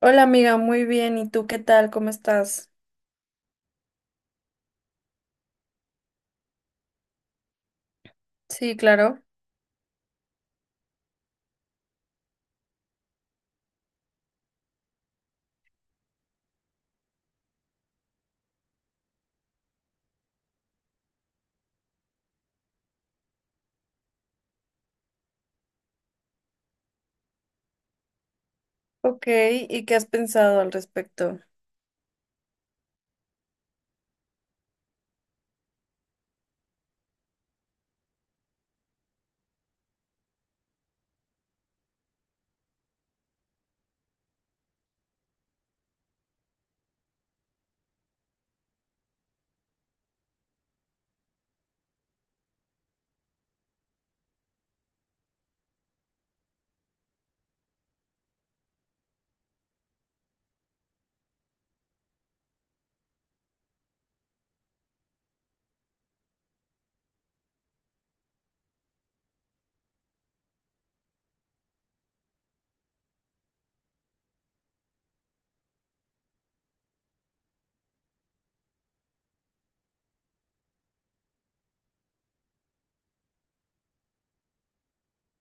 Hola amiga, muy bien. ¿Y tú qué tal? ¿Cómo estás? Sí, claro. Ok, ¿y qué has pensado al respecto?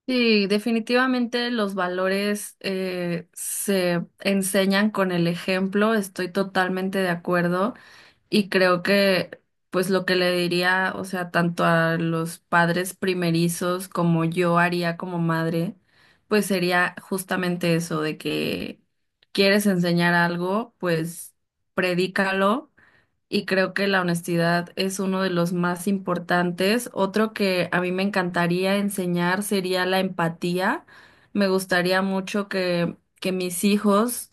Sí, definitivamente los valores se enseñan con el ejemplo, estoy totalmente de acuerdo y creo que pues lo que le diría, o sea, tanto a los padres primerizos como yo haría como madre, pues sería justamente eso de que quieres enseñar algo, pues predícalo. Y creo que la honestidad es uno de los más importantes. Otro que a mí me encantaría enseñar sería la empatía. Me gustaría mucho que mis hijos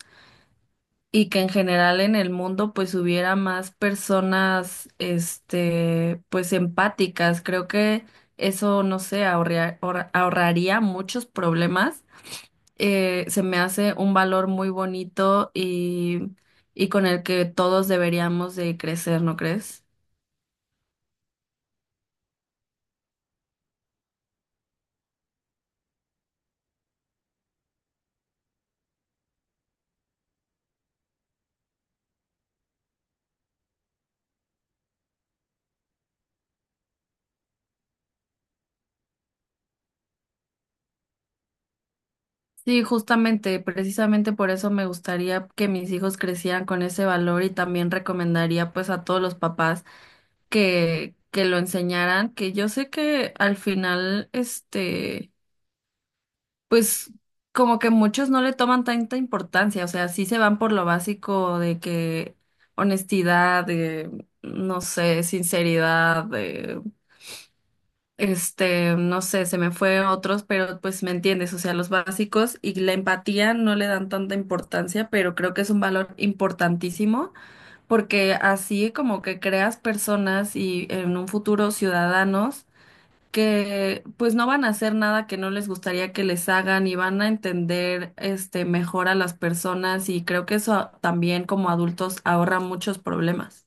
y que en general en el mundo pues hubiera más personas este pues empáticas. Creo que eso, no sé, ahorraría muchos problemas. Se me hace un valor muy bonito y con el que todos deberíamos de crecer, ¿no crees? Sí, justamente, precisamente por eso me gustaría que mis hijos crecieran con ese valor y también recomendaría pues a todos los papás que lo enseñaran, que yo sé que al final, este, pues como que muchos no le toman tanta importancia, o sea, sí se van por lo básico de que honestidad, de, no sé, sinceridad, este, no sé, se me fue otros, pero pues me entiendes, o sea, los básicos y la empatía no le dan tanta importancia, pero creo que es un valor importantísimo porque así como que creas personas y en un futuro ciudadanos que pues no van a hacer nada que no les gustaría que les hagan y van a entender este mejor a las personas y creo que eso también como adultos ahorra muchos problemas.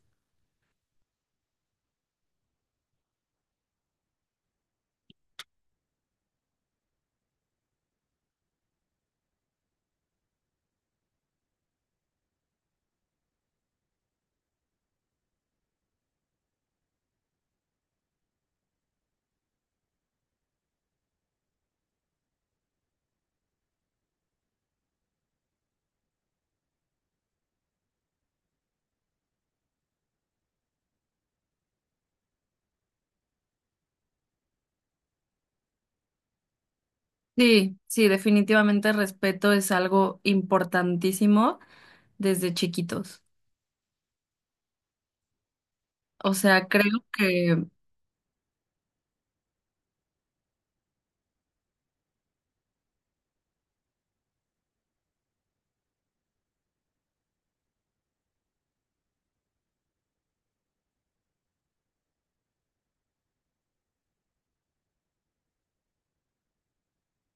Sí, sí, definitivamente el respeto es algo importantísimo. Desde chiquitos. O sea, creo que,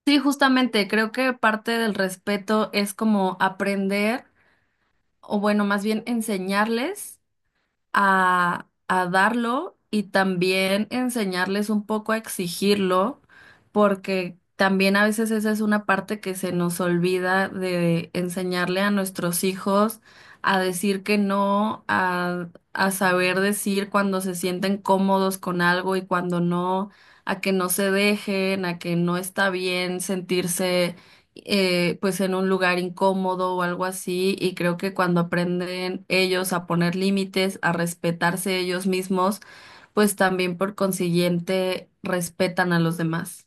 sí, justamente, creo que parte del respeto es como aprender, o bueno, más bien enseñarles. A, a darlo y también enseñarles un poco a exigirlo, porque también a veces esa es una parte que se nos olvida de enseñarle a nuestros hijos a decir que no, a saber decir cuando se sienten cómodos con algo y cuando no, a que no se dejen, a que no está bien sentirse pues en un lugar incómodo o algo así, y creo que cuando aprenden ellos a poner límites, a respetarse ellos mismos, pues también por consiguiente respetan a los demás.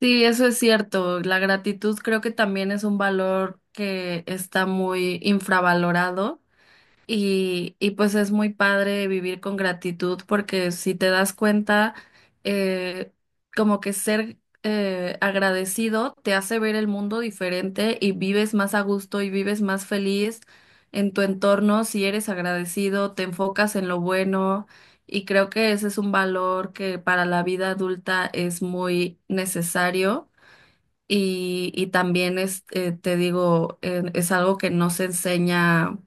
Sí, eso es cierto. La gratitud creo que también es un valor que está muy infravalorado. Y pues es muy padre vivir con gratitud porque si te das cuenta, eh, como que ser agradecido te hace ver el mundo diferente y vives más a gusto y vives más feliz en tu entorno si eres agradecido, te enfocas en lo bueno y creo que ese es un valor que para la vida adulta es muy necesario y también es, te digo, es algo que no se enseña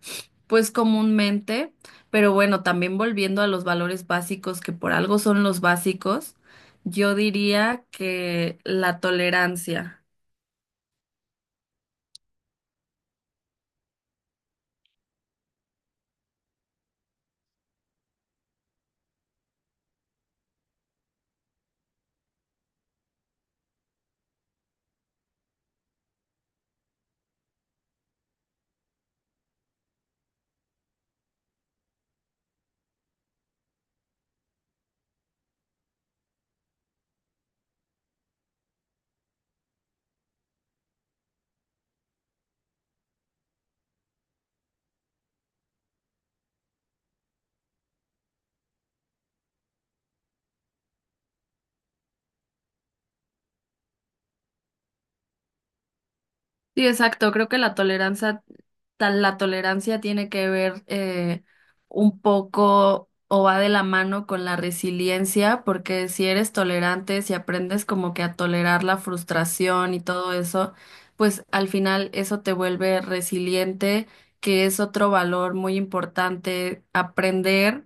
pues comúnmente, pero bueno, también volviendo a los valores básicos, que por algo son los básicos, yo diría que la tolerancia. Sí, exacto. Creo que la tolerancia, la tolerancia tiene que ver un poco o va de la mano con la resiliencia, porque si eres tolerante, si aprendes como que a tolerar la frustración y todo eso, pues al final eso te vuelve resiliente, que es otro valor muy importante aprender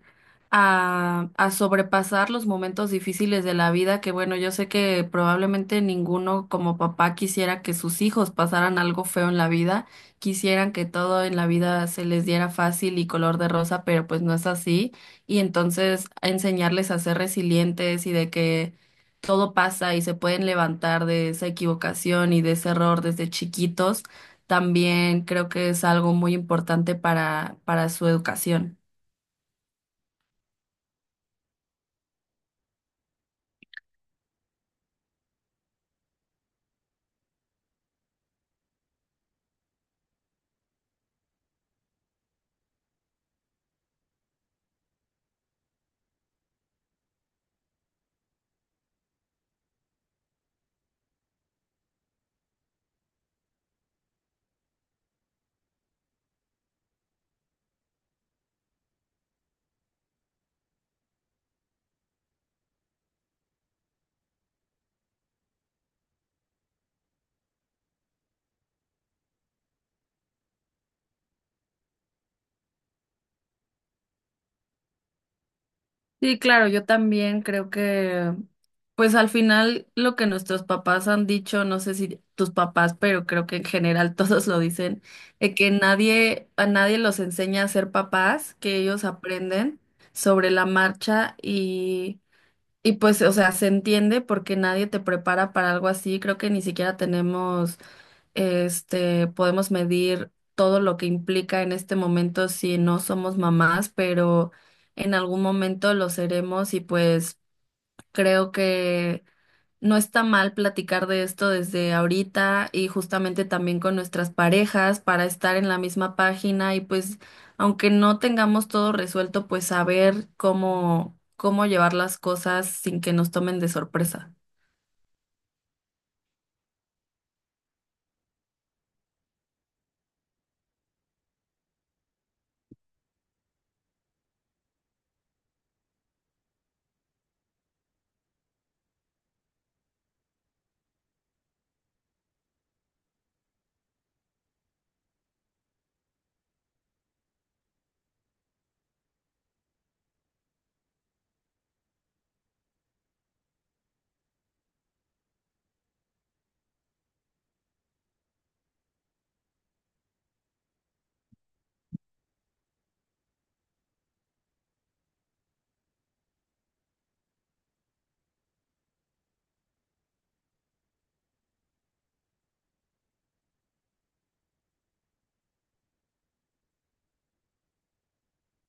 a sobrepasar los momentos difíciles de la vida, que bueno, yo sé que probablemente ninguno como papá quisiera que sus hijos pasaran algo feo en la vida, quisieran que todo en la vida se les diera fácil y color de rosa, pero pues no es así. Y entonces enseñarles a ser resilientes y de que todo pasa y se pueden levantar de esa equivocación y de ese error desde chiquitos, también creo que es algo muy importante para su educación. Sí, claro, yo también creo que, pues al final lo que nuestros papás han dicho, no sé si tus papás, pero creo que en general todos lo dicen, de que nadie, a nadie los enseña a ser papás, que ellos aprenden sobre la marcha y pues, o sea, se entiende porque nadie te prepara para algo así. Creo que ni siquiera tenemos este, podemos medir todo lo que implica en este momento si no somos mamás, pero en algún momento lo seremos y pues creo que no está mal platicar de esto desde ahorita y justamente también con nuestras parejas para estar en la misma página y pues aunque no tengamos todo resuelto, pues saber cómo llevar las cosas sin que nos tomen de sorpresa.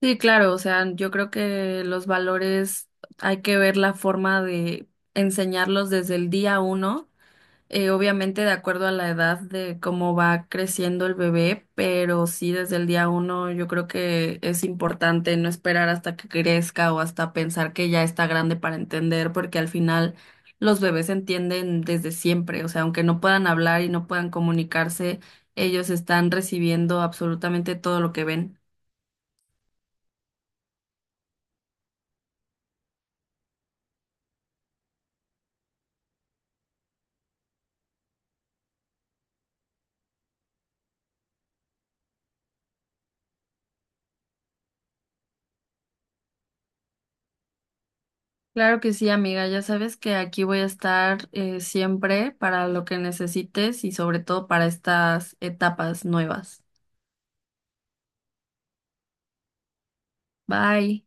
Sí, claro, o sea, yo creo que los valores hay que ver la forma de enseñarlos desde el día uno, obviamente de acuerdo a la edad de cómo va creciendo el bebé, pero sí desde el día uno yo creo que es importante no esperar hasta que crezca o hasta pensar que ya está grande para entender, porque al final los bebés entienden desde siempre, o sea, aunque no puedan hablar y no puedan comunicarse, ellos están recibiendo absolutamente todo lo que ven. Claro que sí, amiga. Ya sabes que aquí voy a estar siempre para lo que necesites y sobre todo para estas etapas nuevas. Bye.